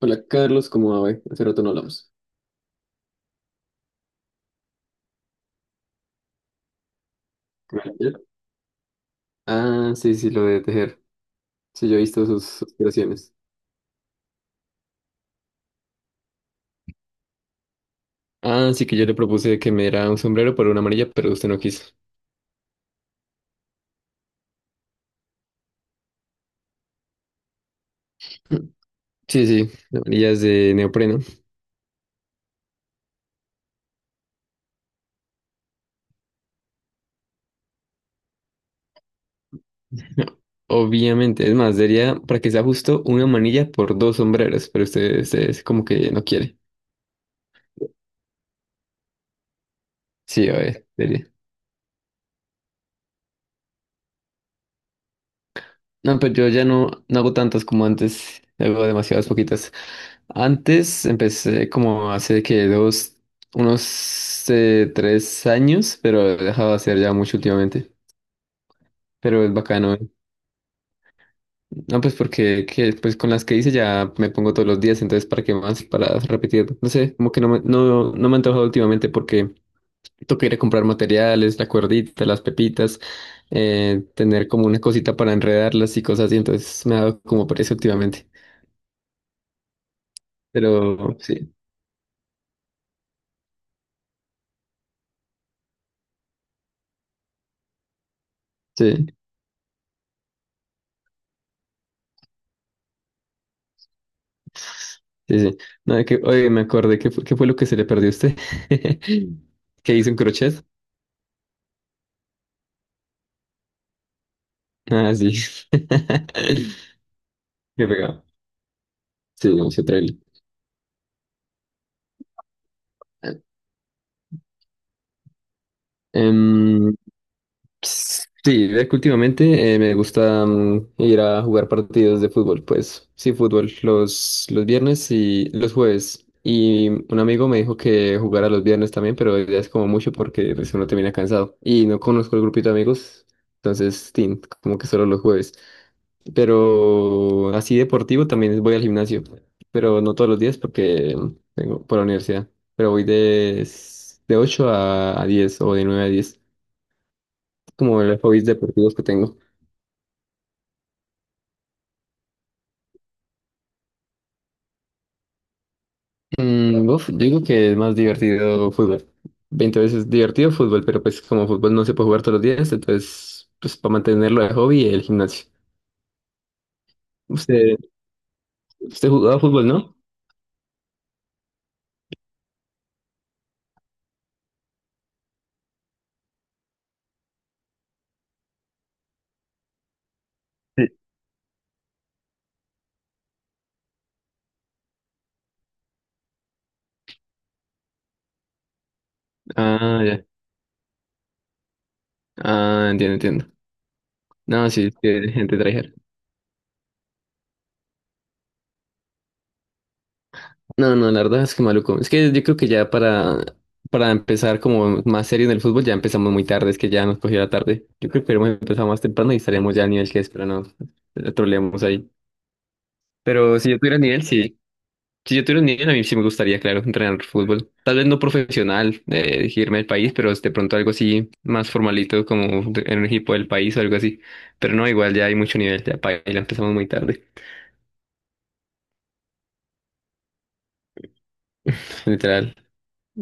Hola Carlos, ¿cómo va, güey? Hace rato no hablamos. ¿Qué me decías? Ah, sí, sí, lo de tejer. Sí, yo he visto sus creaciones. Ah, sí, que yo le propuse que me diera un sombrero por una amarilla, pero usted no quiso. Sí, sí, la amarilla es de neopreno. Obviamente, es más, sería para que sea justo una manilla por dos sombreros, pero usted es como que no quiere. Sí, a ver, sería. No, pero yo ya no, no hago tantas como antes, hago demasiadas poquitas. Antes empecé como hace que dos, unos 3 años, pero he dejado de hacer ya mucho últimamente. Pero es bacano, ¿eh? No, pues porque que, pues con las que hice ya me pongo todos los días, entonces ¿para qué más? Para repetir. No sé, como que no me ha antojado últimamente porque toca ir a comprar materiales, la cuerdita, las pepitas, tener como una cosita para enredarlas y cosas así, entonces me ha dado como pereza últimamente. Pero sí, sí. Sí, sí. No, que, oye, me acordé, ¿qué fue lo que se le perdió a usted? ¿Que hizo un crochet? Ah, sí. Qué pegado. Sí, mucho trail. Em, sí, ve que últimamente me gusta ir a jugar partidos de fútbol, pues sí, fútbol los viernes y los jueves. Y un amigo me dijo que jugara los viernes también, pero ya es como mucho porque pues, uno termina cansado. Y no conozco el grupito de amigos, entonces, tin, como que solo los jueves. Pero así deportivo también voy al gimnasio, pero no todos los días porque tengo por la universidad. Pero voy de 8 a 10 o de 9 a 10 como los hobbies deportivos que tengo. Uf, yo digo que es más divertido fútbol. 20 veces divertido fútbol, pero pues como fútbol no se puede jugar todos los días, entonces pues para mantenerlo de hobby el gimnasio. Usted, usted jugaba fútbol, ¿no? Sí. Ah, ya. Ah, entiendo, entiendo. No, sí, es que hay gente trae. No, no, no, la verdad es que maluco. Es que yo creo que ya para empezar como más serio en el fútbol ya empezamos muy tarde, es que ya nos cogió la tarde. Yo creo que hemos empezado más temprano y estaríamos ya al nivel que es, pero no, la troleamos ahí. Pero si yo tuviera nivel, sí. Si yo tuviera nivel, a mí sí me gustaría, claro, entrenar fútbol. Tal vez no profesional, irme al país, pero de pronto algo así más formalito como en un equipo del país o algo así. Pero no, igual ya hay mucho nivel, ya para la empezamos muy tarde, literal.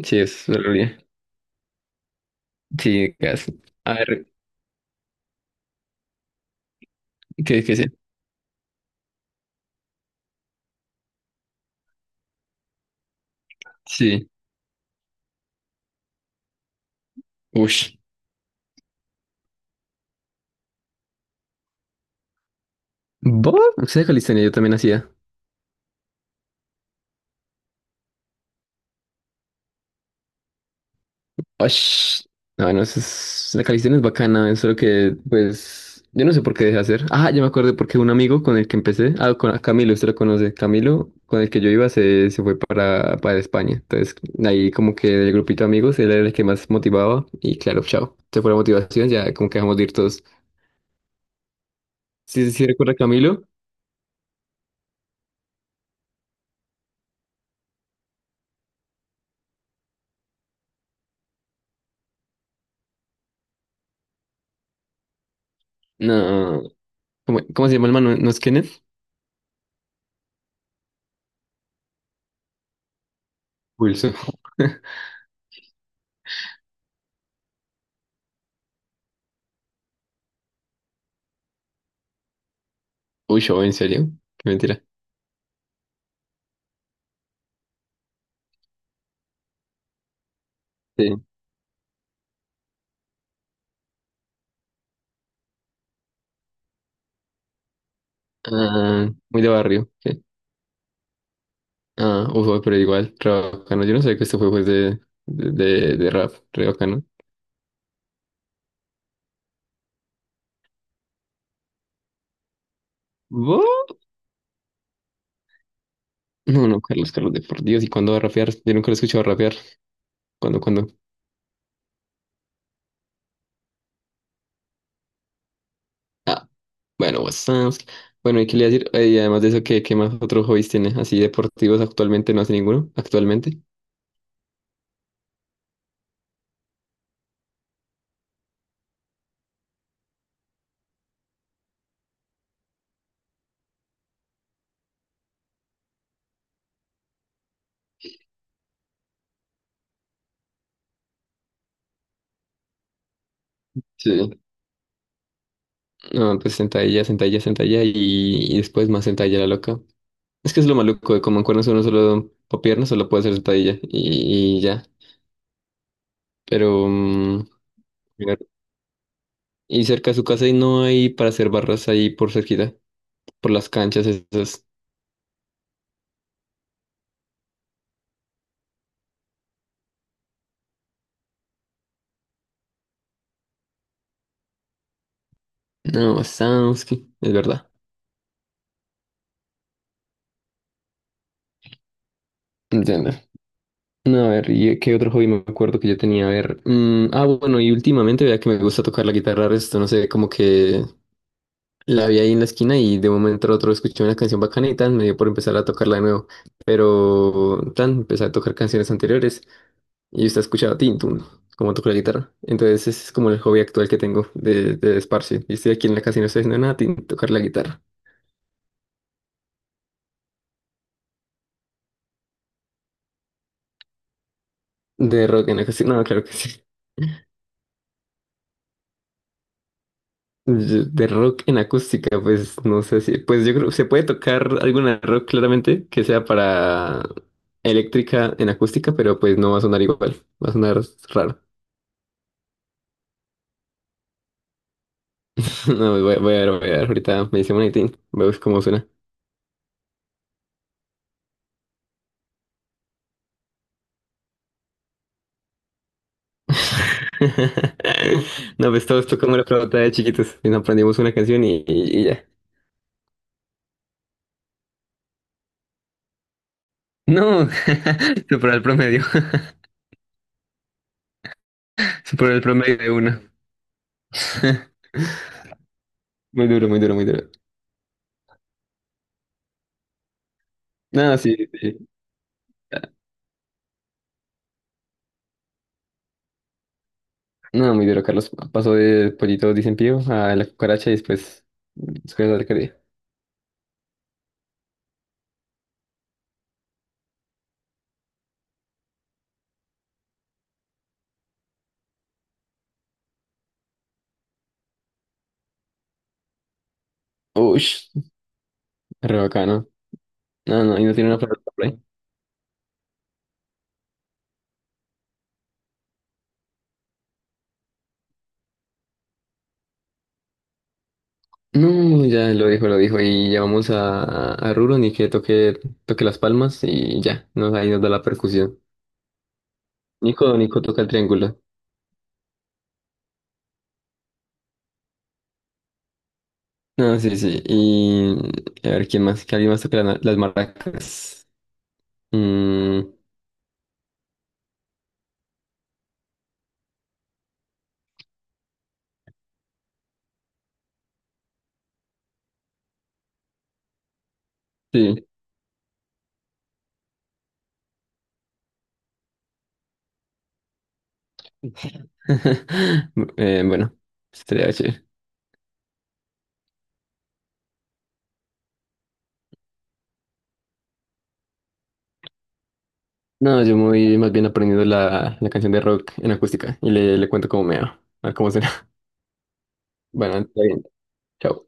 Sí, es la realidad. Sí, gas. A ver, ¿qué es? Sí. Ush. ¿Vos? ¿Usted de calistenia? Yo también hacía. Ush. No, no, la calistenia es bacana, es solo que, pues, yo no sé por qué dejé de hacer. Ah, ya me acuerdo porque un amigo con el que empecé, ah, con a Camilo, usted lo conoce, Camilo, con el que yo iba, se fue para España. Entonces, ahí como que del grupito de amigos, él era el que más motivaba y claro, chao. Se fue la motivación, ya como que dejamos de ir todos. ¿Sí, sí, sí recuerda a Camilo? No, ¿cómo se llama el man? ¿No es Kenneth? Wilson. Uy, yo, ¿en serio? Qué mentira. Ah, muy de barrio. ¿Sí? Ah, uff, pero igual, re bacano. Yo no sabía que este juego es de rap, re bacano. ¿Vos? No, no, Carlos, Carlos, de por Dios, ¿y cuándo va a rapear? Yo nunca lo he escuchado rapear. ¿Cuándo, cuándo? Ah, bueno, what's. Bueno, ¿y qué le iba a decir? Y además de eso, ¿qué más otros hobbies tiene? Así deportivos actualmente, no hace ninguno, actualmente. Sí. No, pues sentadilla, sentadilla, sentadilla y después más sentadilla la loca. Es que es lo maluco de como en cuernos uno solo, o piernas solo puede hacer sentadilla y ya. Pero, mira, y cerca de su casa y no hay para hacer barras ahí por cerquita, por las canchas esas. No, Samsky, es verdad. Entiendo. No, a ver, ¿y qué otro hobby me acuerdo que yo tenía? A ver, ah, bueno, y últimamente vea que me gusta tocar la guitarra, esto no sé, como que la vi ahí en la esquina y de un momento a otro escuché una canción bacana y tan, me dio por empezar a tocarla de nuevo. Pero tan, empecé a tocar canciones anteriores y usted ha escuchado Tintun, como toco la guitarra. Entonces ese es como el hobby actual que tengo de esparcio. Y estoy aquí en la casa y no estoy haciendo nada, tin, tocar la guitarra. De rock en acústica, no, claro que sí. Yo... De rock en acústica, pues no sé si, pues yo creo, se puede tocar alguna rock claramente que sea para eléctrica en acústica, pero pues no va a sonar igual, va a sonar raro. No, voy a ver, ahorita me dice un tin, veo cómo suena. No, pues todos tocamos la flauta de chiquitos y nos aprendimos una canción y ya. No, superó el promedio. Superó el promedio de uno. Muy duro, muy duro, muy duro. No, sí, sí. No, muy duro, Carlos. Pasó de pollito dicen pío a la cucaracha y después de alcaldía. Uy, re bacano. No, no, y no tiene una palabra por ahí. No, ya lo dijo, lo dijo. Y ya vamos a, Rulo, ni que toque, toque las palmas y ya, nos, ahí nos da la percusión. Nico, Nico toca el triángulo. No, sí, sí. Y a ver quién más, que alguien más toque las maracas. Mm, sí. Bueno, estaría chévere. No, yo me voy más bien aprendiendo la, la canción de rock en acústica y le cuento cómo me va. A ver cómo será. Bueno, está bien. Chao.